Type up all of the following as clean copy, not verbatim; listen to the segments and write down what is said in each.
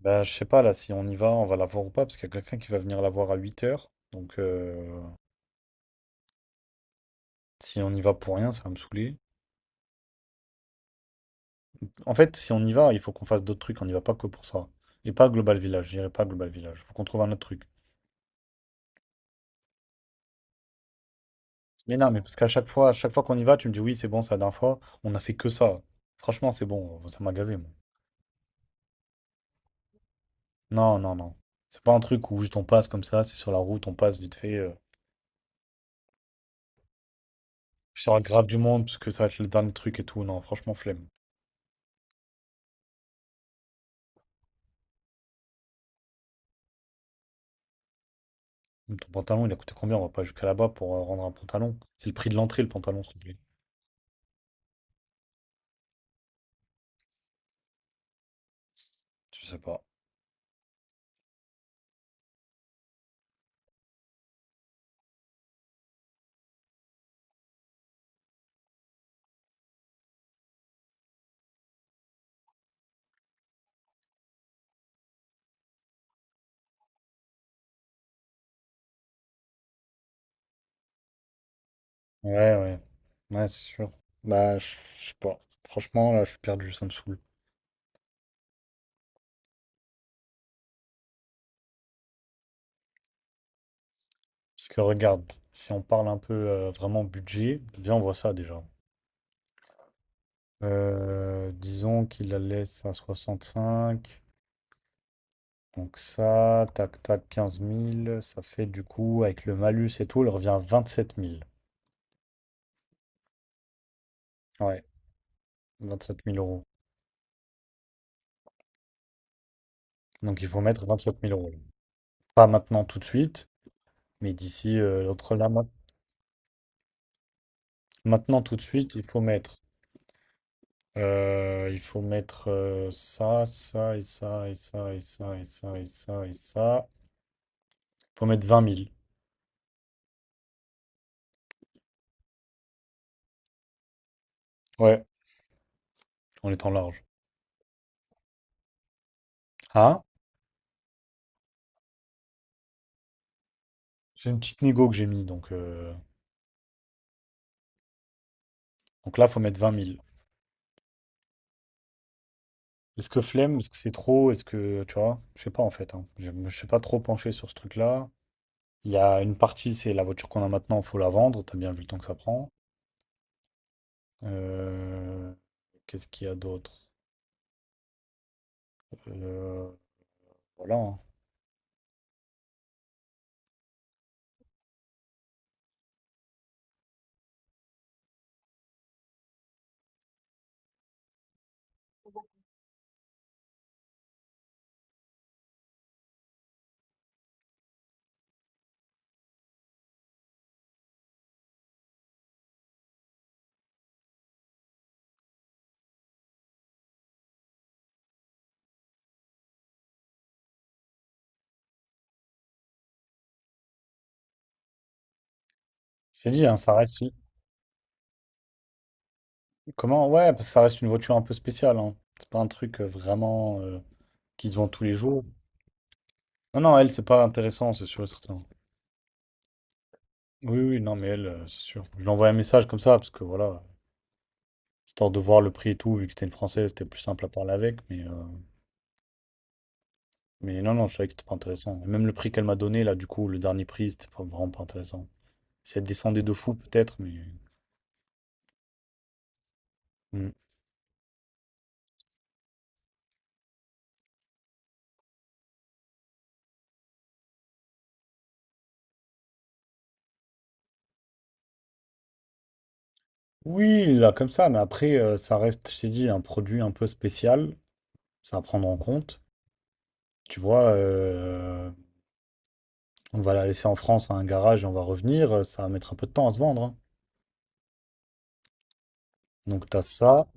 Bah, je sais pas, là, si on y va, on va la voir ou pas, parce qu'il y a quelqu'un qui va venir la voir à 8 heures. Donc, si on y va pour rien, ça va me saouler. En fait, si on y va, il faut qu'on fasse d'autres trucs, on n'y va pas que pour ça. Et pas à Global Village, j'irai pas à Global Village. Faut qu'on trouve un autre truc. Mais non, mais parce qu'à chaque fois, à chaque fois qu'on y va, tu me dis oui, c'est bon, c'est la dernière fois, on a fait que ça. Franchement, c'est bon, ça m'a gavé, moi. Non, non, non. C'est pas un truc où juste on passe comme ça, c'est sur la route, on passe vite fait. Sur la grave du monde, parce que ça va être le dernier truc et tout. Non, franchement, flemme. Mmh, ton pantalon, il a coûté combien? On va pas jusqu'à là-bas pour, rendre un pantalon. C'est le prix de l'entrée, le pantalon, s'il te plaît. Je sais pas. Ouais, ouais. Ouais, c'est sûr. Bah, je sais pas. Franchement, là, je suis perdu, ça me saoule. Parce que regarde, si on parle un peu, vraiment budget, viens, on voit ça déjà. Disons qu'il la laisse à 65. Donc ça, tac, tac, 15 000. Ça fait du coup, avec le malus et tout, elle revient à 7 000. Ouais, 27 000 euros. Donc il faut mettre 27 000 euros. Pas maintenant tout de suite. Mais d'ici, entre là, maintenant, tout de suite, il faut mettre. Il faut mettre ça, ça, et ça, et ça, et ça, et ça, et ça, et ça. Il faut mettre 20 000. Ouais, en étant large. Ah, j'ai une petite négo que j'ai mis, donc là, il faut mettre vingt mille. Est-ce que flemme? Est-ce que c'est trop? Est-ce que, tu vois, je sais pas en fait, hein. Je ne suis pas trop penché sur ce truc-là. Il y a une partie, c'est la voiture qu'on a maintenant, faut la vendre. T'as bien vu le temps que ça prend. Euh, Qu'est-ce qu'il y a d'autre? Euh, voilà, hein. Je t'ai dit, hein, ça reste une... Comment? Ouais, parce que ça reste une voiture un peu spéciale, hein. C'est pas un truc vraiment qui se vend tous les jours. Non, non, elle, c'est pas intéressant, c'est sûr et certain. Oui, oui, non, mais elle, c'est sûr. Je lui envoie un message comme ça, parce que voilà, histoire de voir le prix et tout, vu que c'était une française, c'était plus simple à parler avec, mais non, non, je savais que c'était pas intéressant. Et même le prix qu'elle m'a donné, là, du coup, le dernier prix, c'était pas- vraiment pas intéressant. Si elle descendait de fou, peut-être, mais. Mm. Oui, là, comme ça, mais après, ça reste, je t'ai dit, un produit un peu spécial, ça à prendre en compte. Tu vois, on va la laisser en France à un garage et on va revenir. Ça va mettre un peu de temps à se vendre, hein. Donc, tu as ça.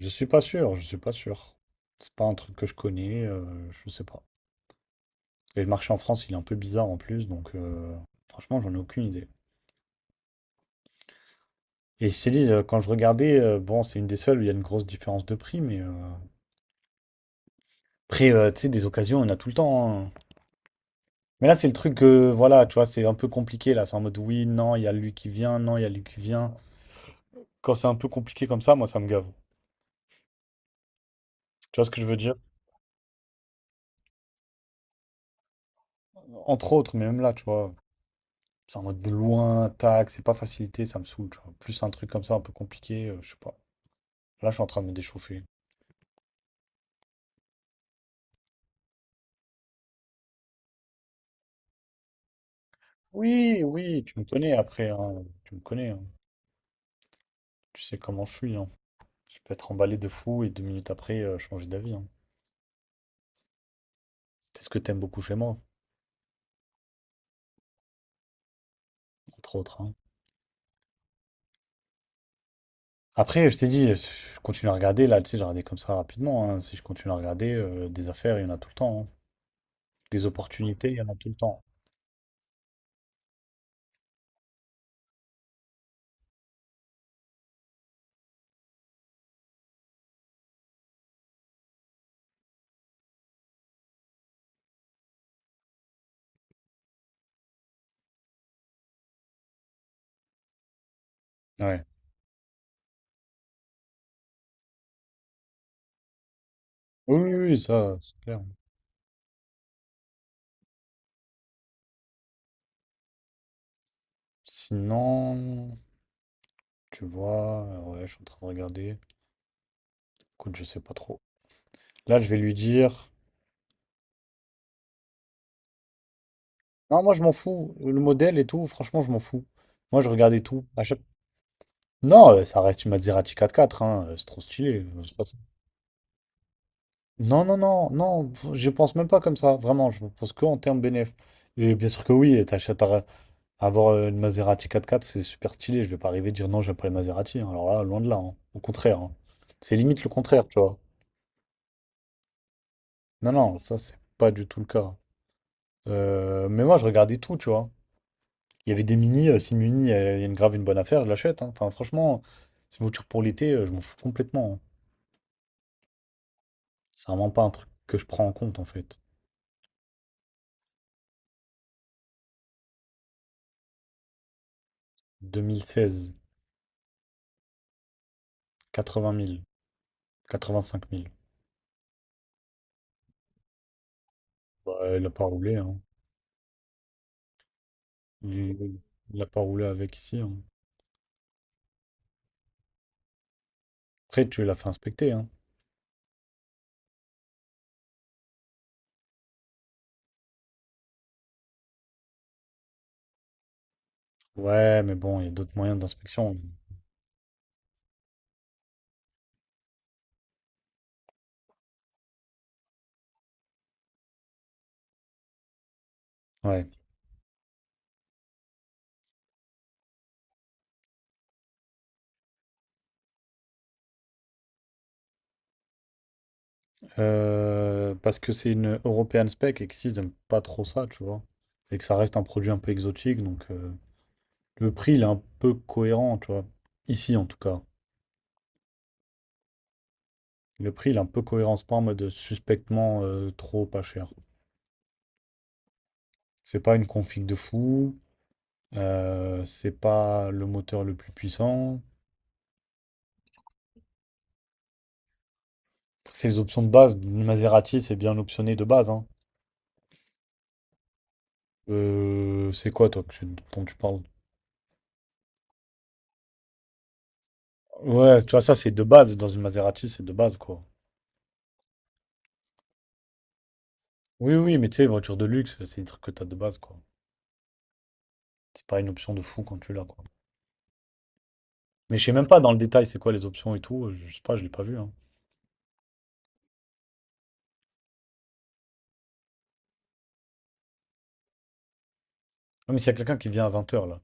Je suis pas sûr, je suis pas sûr. C'est pas un truc que je connais, je sais pas. Et le marché en France, il est un peu bizarre en plus, donc franchement, j'en ai aucune idée. Et je te dis, quand je regardais, bon, c'est une des seules où il y a une grosse différence de prix, mais après, tu sais, des occasions, on a tout le temps, hein. Mais là, c'est le truc, voilà, tu vois, c'est un peu compliqué là. C'est en mode oui, non, il y a lui qui vient, non, il y a lui qui vient. Quand c'est un peu compliqué comme ça, moi, ça me gave. Tu vois ce que je veux dire? Entre autres, mais même là, tu vois, c'est en mode de loin, tac, c'est pas facilité, ça me saoule, tu vois. Plus un truc comme ça, un peu compliqué, je sais pas. Là, je suis en train de me déchauffer. Oui, oui, tu me connais après, hein. Tu me connais, hein. Tu sais comment je suis, hein. Je peux être emballé de fou et 2 minutes après, changer d'avis, hein. C'est ce que t'aimes beaucoup chez moi, entre autres, hein. Après, je t'ai dit, je continue à regarder, là, tu sais, j'ai regardé comme ça rapidement, hein. Si je continue à regarder, des affaires, il y en a tout le temps, hein. Des opportunités, il y en a tout le temps. Ouais. Oui, oui, oui, ça, c'est clair. Sinon, tu vois, ouais, je suis en train de regarder. Écoute, je sais pas trop. Là, je vais lui dire. Non, moi je m'en fous. Le modèle et tout, franchement, je m'en fous. Moi je regardais tout. Non, ça reste une Maserati 4x4, hein, c'est trop stylé. C'est pas ça. Non, non, non, non, je pense même pas comme ça, vraiment, je pense que en termes bénéf. Et bien sûr que oui, avoir une Maserati 4x4, c'est super stylé. Je vais pas arriver à dire non, j'aime pas les Maserati, hein. Alors là, loin de là, hein. Au contraire, hein. C'est limite le contraire, tu vois. Non, non, ça c'est pas du tout le cas. Mais moi je regardais tout, tu vois. Il y avait des mini, si le mini il y a une grave une bonne affaire, je l'achète, hein. Enfin, franchement, c'est une voiture pour l'été, je m'en fous complètement, hein. C'est vraiment pas un truc que je prends en compte en fait. 2016, 80 000, 85 000. Bah, elle a pas roulé, hein. Il il a pas roulé avec ici, hein. Après, tu l'as fait inspecter, hein. Ouais, mais bon, il y a d'autres moyens d'inspection. Ouais. Parce que c'est une European spec et qu'ici, ils aiment pas trop ça, tu vois. Et que ça reste un produit un peu exotique, Le prix, il est un peu cohérent, tu vois. Ici, en tout cas. Le prix, il est un peu cohérent. C'est pas en mode suspectement trop pas cher. C'est pas une config de fou. C'est pas le moteur le plus puissant. Après, c'est les options de base. Le Maserati, c'est bien optionné de base, hein. C'est quoi, dont tu parles? Ouais, tu vois, ça, c'est de base. Dans une Maserati, c'est de base, quoi. Oui, oui, mais tu sais, voiture de luxe, c'est des trucs que t'as de base, quoi. C'est pas une option de fou quand tu l'as, quoi. Mais je sais même pas dans le détail c'est quoi les options et tout. Je sais pas, je l'ai pas vu, hein. Non, mais s'il y a quelqu'un qui vient à 20h là.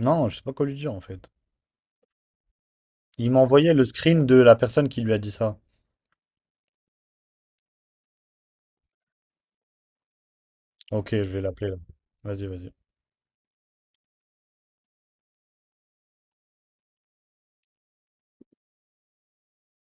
Non, je sais pas quoi lui dire en fait. Il m'a envoyé le screen de la personne qui lui a dit ça. Ok, je vais l'appeler là. Vas-y, vas-y.